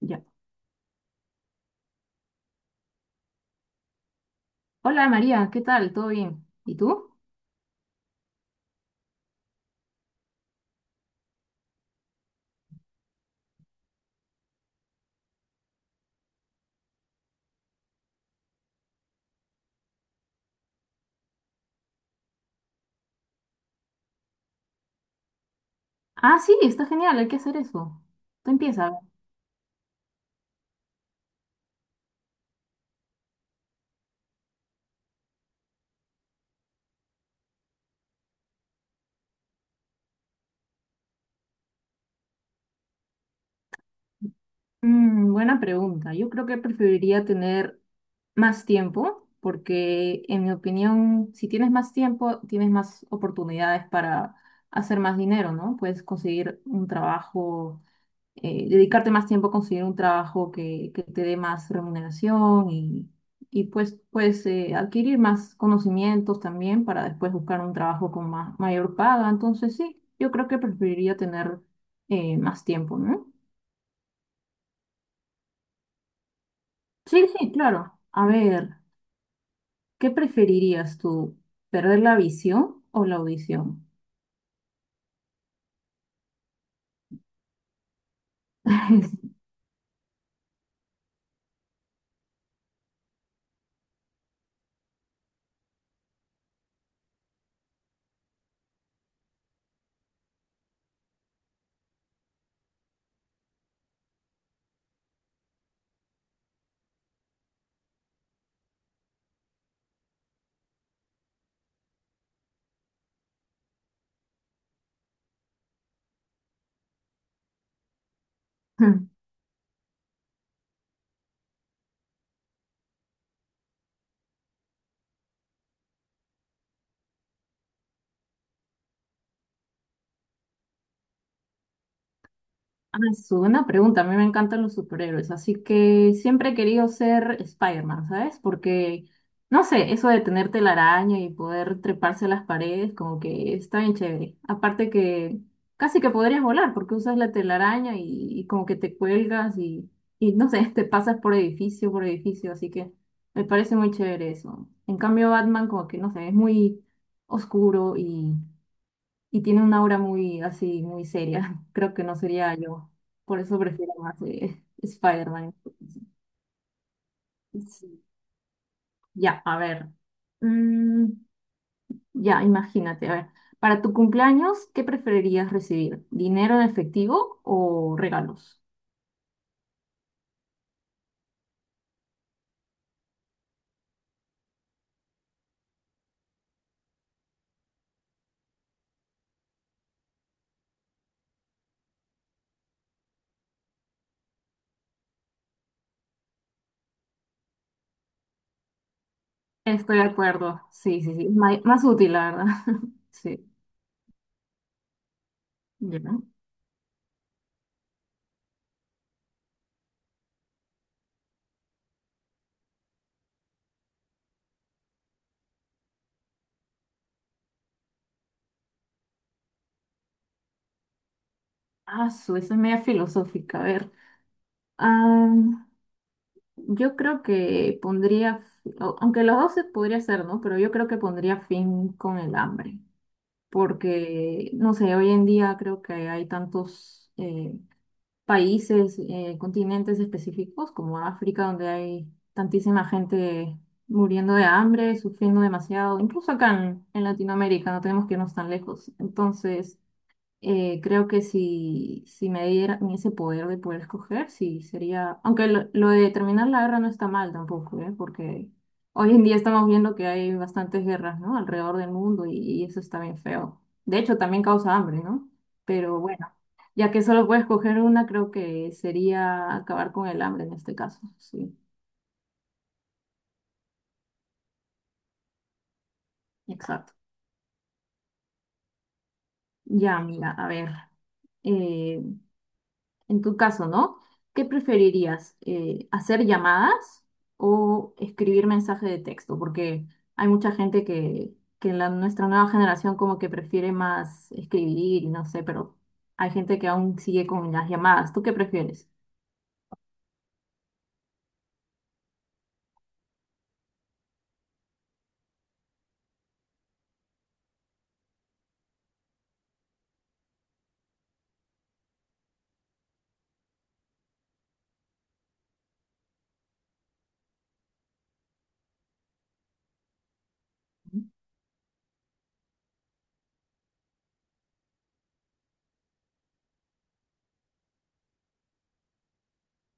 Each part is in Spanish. Ya. Hola María, ¿qué tal? ¿Todo bien? ¿Y tú? Ah, sí, está genial, hay que hacer eso. Tú empieza. Buena pregunta. Yo creo que preferiría tener más tiempo, porque en mi opinión, si tienes más tiempo, tienes más oportunidades para hacer más dinero, ¿no? Puedes conseguir un trabajo, dedicarte más tiempo a conseguir un trabajo que te dé más remuneración y, y pues, adquirir más conocimientos también para después buscar un trabajo con más, mayor paga. Entonces sí, yo creo que preferiría tener, más tiempo, ¿no? Sí, sí, claro. A ver, ¿qué preferirías tú? ¿Perder la visión o la audición? Ah, es una pregunta. A mí me encantan los superhéroes, así que siempre he querido ser Spider-Man, ¿sabes? Porque, no sé, eso de tener telaraña y poder treparse a las paredes, como que está bien chévere. Aparte que casi que podrías volar porque usas la telaraña y como que te cuelgas y, no sé, te pasas por edificio, así que me parece muy chévere eso. En cambio, Batman como que, no sé, es muy oscuro y tiene una aura muy así, muy seria. Creo que no sería yo. Por eso prefiero más, Spider-Man. Sí. Ya, a ver. Mm, ya, imagínate, a ver. Para tu cumpleaños, ¿qué preferirías recibir? ¿Dinero en efectivo o regalos? Estoy de acuerdo. Sí, sí, sí. Más útil, la verdad. Sí. Ya. Esa es media filosófica. A ver. Yo creo que pondría, aunque los dos se podría hacer, ¿no? Pero yo creo que pondría fin con el hambre, porque, no sé, hoy en día creo que hay tantos, países, continentes específicos como África, donde hay tantísima gente muriendo de hambre, sufriendo demasiado, incluso acá en Latinoamérica, no tenemos que irnos tan lejos. Entonces creo que si, si me diera ese poder de poder escoger, sí sería. Aunque lo de terminar la guerra no está mal tampoco, ¿eh? Porque hoy en día estamos viendo que hay bastantes guerras, ¿no? Alrededor del mundo y eso está bien feo. De hecho, también causa hambre, ¿no? Pero bueno, ya que solo puedes escoger una, creo que sería acabar con el hambre en este caso. Sí, exacto. Ya, mira, a ver. eh, En tu caso, ¿no? ¿Qué preferirías? ¿Hacer llamadas o escribir mensaje de texto? Porque hay mucha gente que en la, nuestra nueva generación como que prefiere más escribir y no sé, pero hay gente que aún sigue con las llamadas. ¿Tú qué prefieres?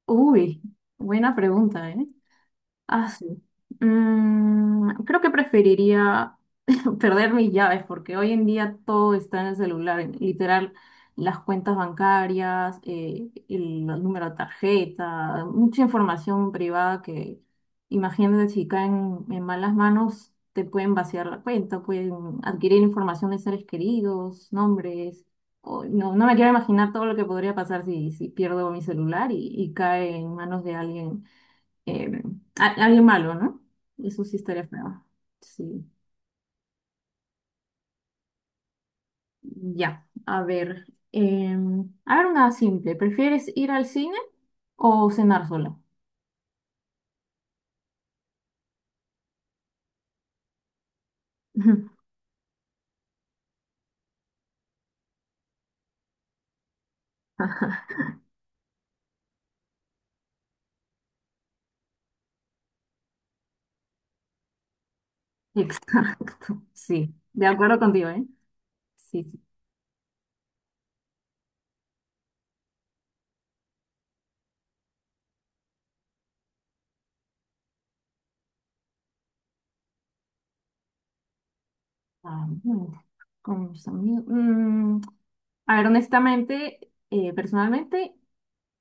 Uy, buena pregunta, ¿eh? Ah, sí. Creo que preferiría perder mis llaves porque hoy en día todo está en el celular. Literal, las cuentas bancarias, el, número de tarjeta, mucha información privada que imagínate si caen en malas manos, te pueden vaciar la cuenta, pueden adquirir información de seres queridos, nombres. No, no me quiero imaginar todo lo que podría pasar si, si pierdo mi celular y cae en manos de alguien, eh, alguien malo, ¿no? Eso sí estaría feo. Sí. Ya, a ver. eh, a ver, una simple. ¿Prefieres ir al cine o cenar sola? Exacto. Sí, de acuerdo contigo, ¿eh? Sí, sí. Ah, mm, con mis amigos. A ver, honestamente, personalmente,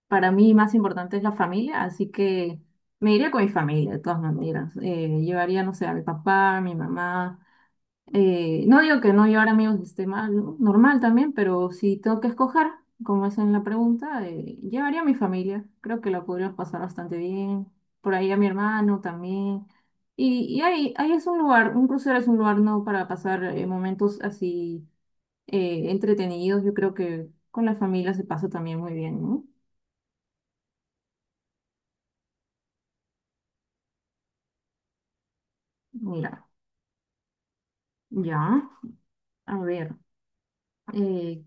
para mí más importante es la familia, así que me iría con mi familia, de todas maneras. Llevaría, no sé, a mi papá, a mi mamá. No digo que no llevar amigos esté mal, ¿no? Normal también, pero si tengo que escoger, como es en la pregunta, llevaría a mi familia. Creo que la podríamos pasar bastante bien. Por ahí a mi hermano también. Y ahí, ahí es un lugar, un crucero es un lugar no para pasar, momentos así, entretenidos. Yo creo que con la familia se pasa también muy bien, ¿no? Mira, ya. A ver, eh,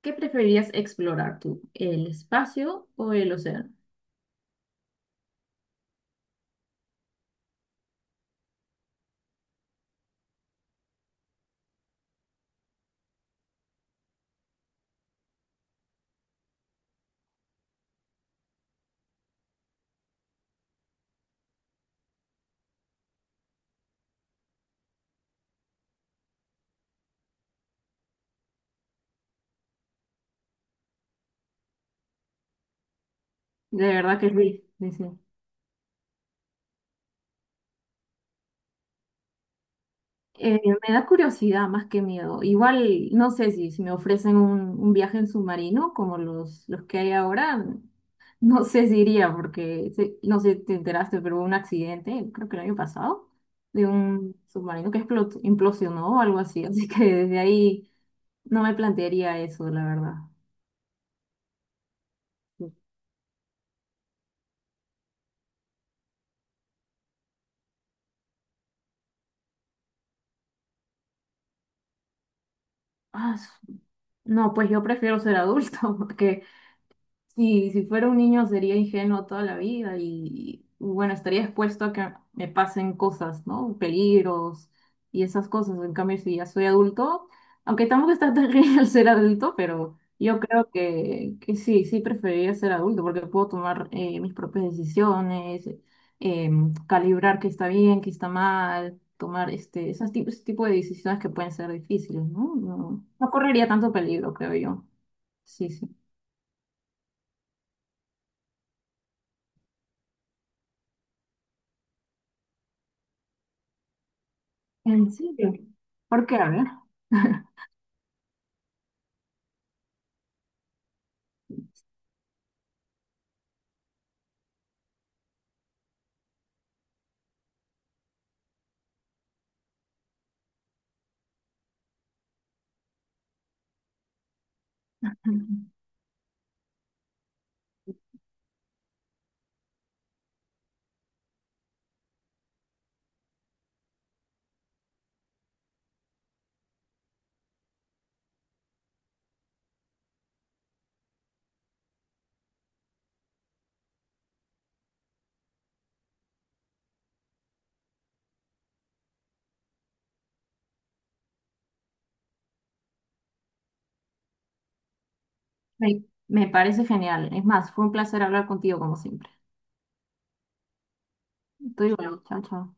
¿qué preferirías explorar tú? ¿El espacio o el océano? De verdad que sí. Eh, me da curiosidad más que miedo. Igual, no sé si, si me ofrecen un viaje en submarino como los que hay ahora, no sé si iría porque, no sé si te enteraste, pero hubo un accidente, creo que el año pasado, de un submarino que explotó, implosionó o algo así. Así que desde ahí no me plantearía eso, la verdad. Ah, su- no, pues yo prefiero ser adulto porque sí, si fuera un niño sería ingenuo toda la vida y, bueno, estaría expuesto a que me pasen cosas, ¿no? Peligros y esas cosas. En cambio, si ya soy adulto, aunque tampoco está tan genial ser adulto, pero yo creo que sí, sí preferiría ser adulto porque puedo tomar, mis propias decisiones, calibrar qué está bien, qué está mal, tomar este, esos tipos, ese tipo de decisiones que pueden ser difíciles, ¿no? No, no correría tanto peligro, creo yo. Sí, sí. ¿En serio? ¿Por qué? A ver. Me parece genial. Es más, fue un placer hablar contigo como siempre. Tú igual, chao, chao.